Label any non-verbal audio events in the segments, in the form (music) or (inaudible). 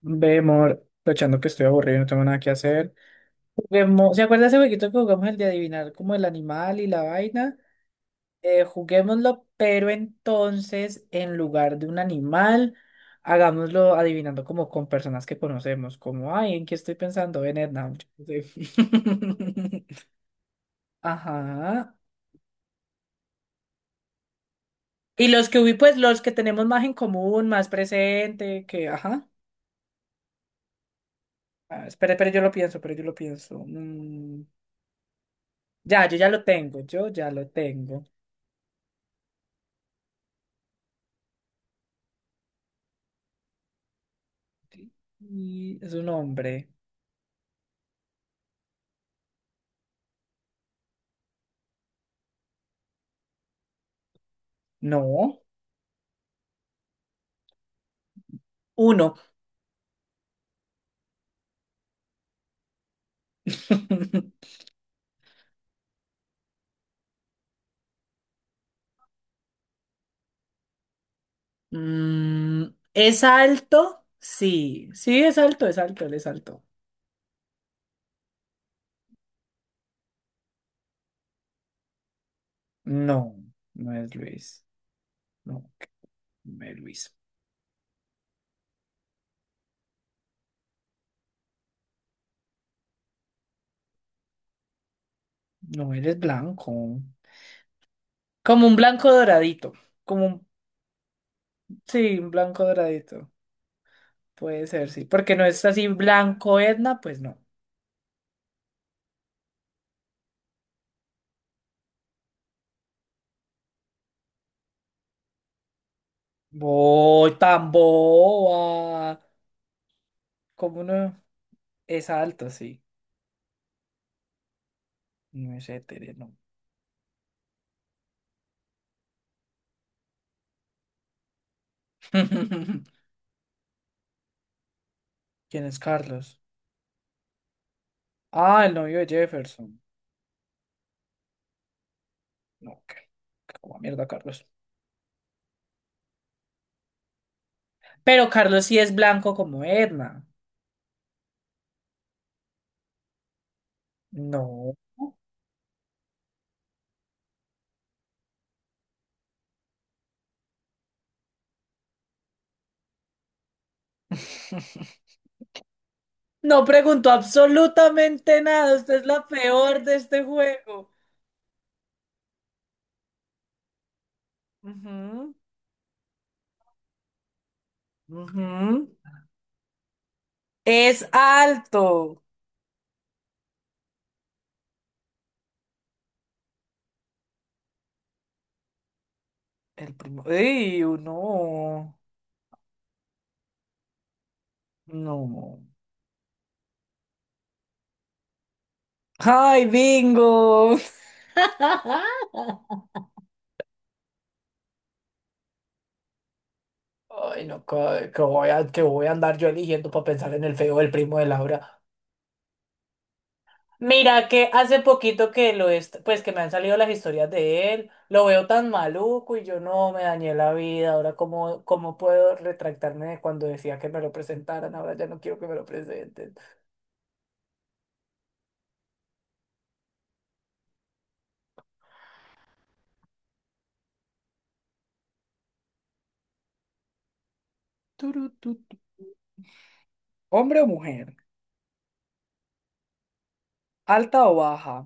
Ve, amor, aprovechando que estoy aburrido y no tengo nada que hacer. Juguemos, ¿se acuerda ese jueguito que jugamos el de adivinar como el animal y la vaina? Juguémoslo, pero entonces en lugar de un animal, hagámoslo adivinando como con personas que conocemos, como, ay, ¿en qué estoy pensando? En Edna. Yo qué sé. (laughs) Ajá. Y los que hubo, pues los que tenemos más en común, más presente, que, ajá. Ah, espere, espere, yo lo pienso, pero yo lo pienso. Ya, yo ya lo tengo, yo ya lo tengo. Y es un hombre. No, uno. (laughs) Mm, ¿Es alto? Sí, sí, es alto, él es alto. No, no es Luis. No, no es Luis. No, él es blanco. Como un blanco doradito. Como un, sí, un blanco doradito. Puede ser, sí. Porque no es así blanco Edna, pues no. Voy tan boba. ¿Como no? Es alto, sí. No es hétero, no. (laughs) ¿Quién es Carlos? Ah, el novio de Jefferson. No, qué como mierda, Carlos. Pero Carlos sí es blanco como Edna. No. (laughs) No preguntó absolutamente nada. Usted es la peor de este juego. Ujú, ujú. Es alto. El primo. ¡Ey, no! No. ¡Ay, bingo! (laughs) Ay, no, que voy a andar yo eligiendo para pensar en el feo del primo de Laura? Mira que hace poquito que pues que me han salido las historias de él, lo veo tan maluco y yo no me dañé la vida, ahora cómo puedo retractarme de cuando decía que me lo presentaran, ahora ya no quiero que me lo presenten. Turu, tu, tu. ¿Hombre o mujer? ¿Alta o baja?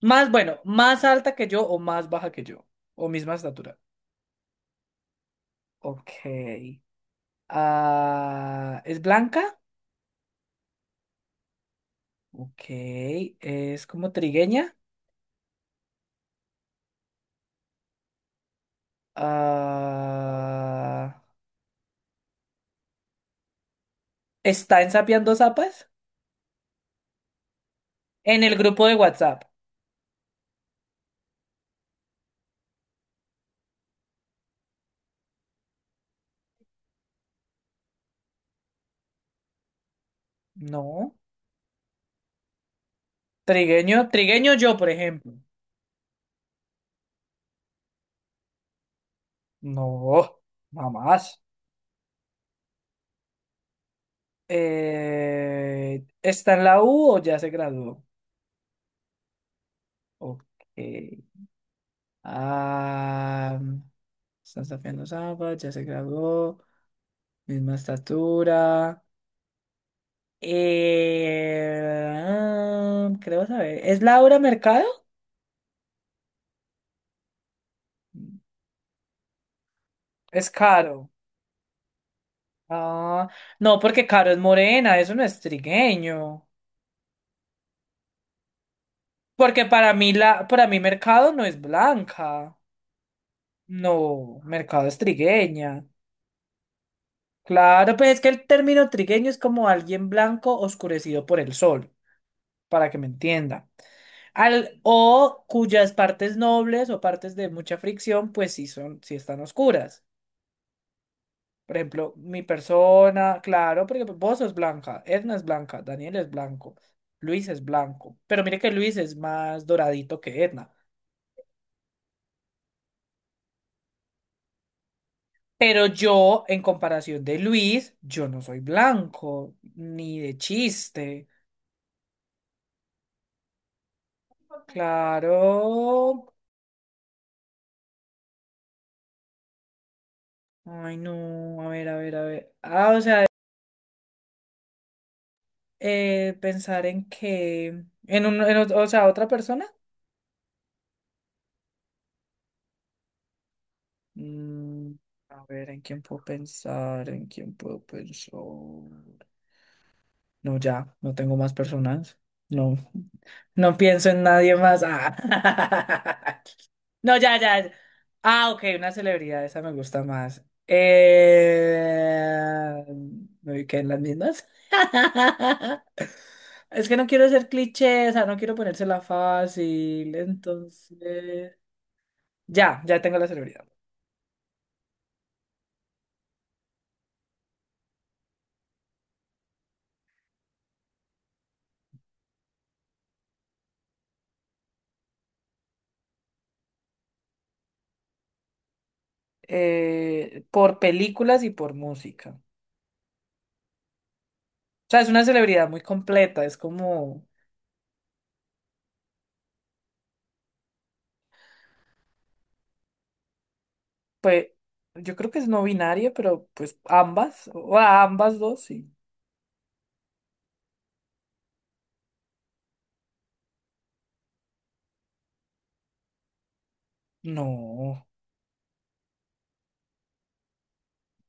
Bueno, más alta que yo o más baja que yo. O misma estatura. Ok. Ah, ¿es blanca? Ok. ¿Es como trigueña? Ah. ¿Está en Sapeando Zapas? En el grupo de WhatsApp. No. Trigueño, trigueño yo, por ejemplo. No, mamás. ¿Está en la U o ya se graduó? Ok. Ah, está en Sapeando Zapas, ya se graduó. Misma estatura. Creo saber. ¿Es Laura Mercado? Es Caro. Ah, no, porque Caro es morena, eso no es trigueño. Porque para mí Mercado no es blanca. No, Mercado es trigueña. Claro, pues es que el término trigueño es como alguien blanco oscurecido por el sol, para que me entienda. O cuyas partes nobles o partes de mucha fricción, pues sí son, sí están oscuras. Por ejemplo, mi persona, claro, porque vos sos blanca, Edna es blanca, Daniel es blanco, Luis es blanco. Pero mire que Luis es más doradito que Edna. Pero yo, en comparación de Luis, yo no soy blanco, ni de chiste. Claro. Ay, no, a ver, a ver, a ver. Ah, o sea, pensar en que... En un, en ot- O sea, otra persona. Mm, a ver, ¿en quién puedo pensar? ¿En quién puedo pensar? No, ya, no tengo más personas. No, no pienso en nadie más. Ah. (laughs) No, ya, ya. Ah, ok, una celebridad, esa me gusta más. Me ubiqué en las mismas. (laughs) Es que no quiero ser cliché, o sea, no quiero ponérsela fácil, entonces. Ya, ya tengo la celebridad. Por películas y por música. O sea, es una celebridad muy completa, es como. Pues yo creo que es no binaria, pero pues ambas, o a ambas dos, sí. No,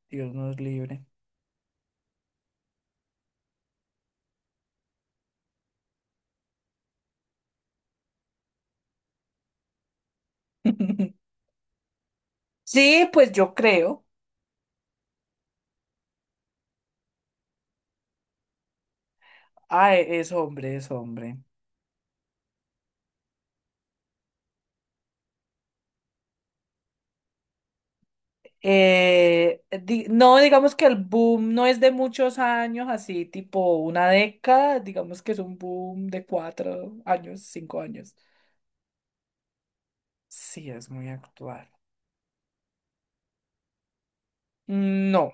Dios nos libre. Sí, pues yo creo. Ah, es hombre, es hombre. No, digamos que el boom no es de muchos años, así tipo una década, digamos que es un boom de 4 años, 5 años. Sí, es muy actual. No.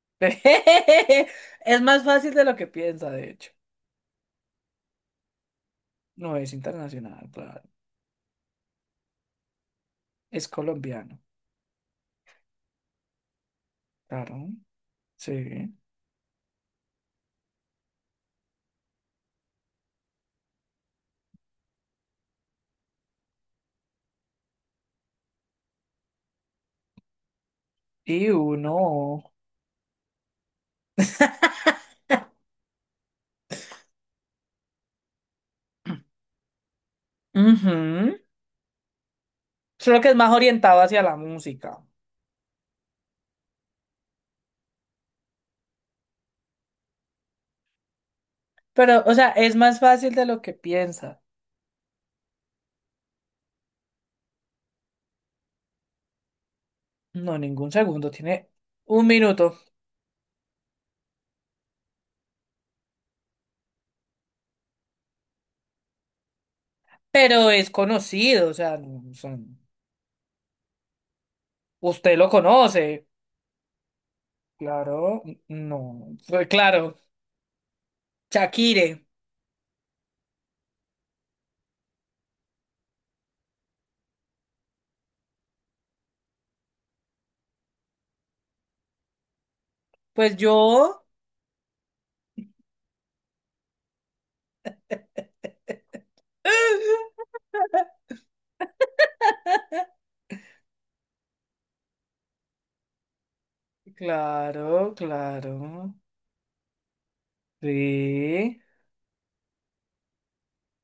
(laughs) Es más fácil de lo que piensa, de hecho. No es internacional, claro. Es colombiano. Claro, sí. Y uno. (laughs) Ujú. Solo que es más orientado hacia la música. Pero, o sea, es más fácil de lo que piensa. No, ningún segundo, tiene un minuto. Pero es conocido, o sea, no, usted lo conoce. Claro, no. Fue Claro, Shakire. Pues yo. (laughs) Claro, claro. Sí.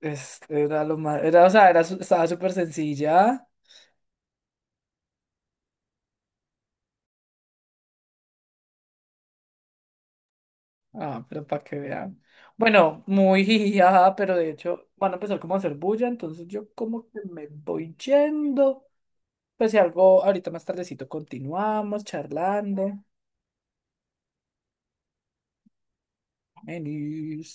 Era lo más, era, o sea, era, estaba súper sencilla. Ah, pero para que vean. Bueno, muy (laughs) jiji, ajá, pero de hecho van a empezar como a hacer bulla, entonces yo como que me voy yendo. Pues si algo, ahorita más tardecito continuamos charlando. Venís.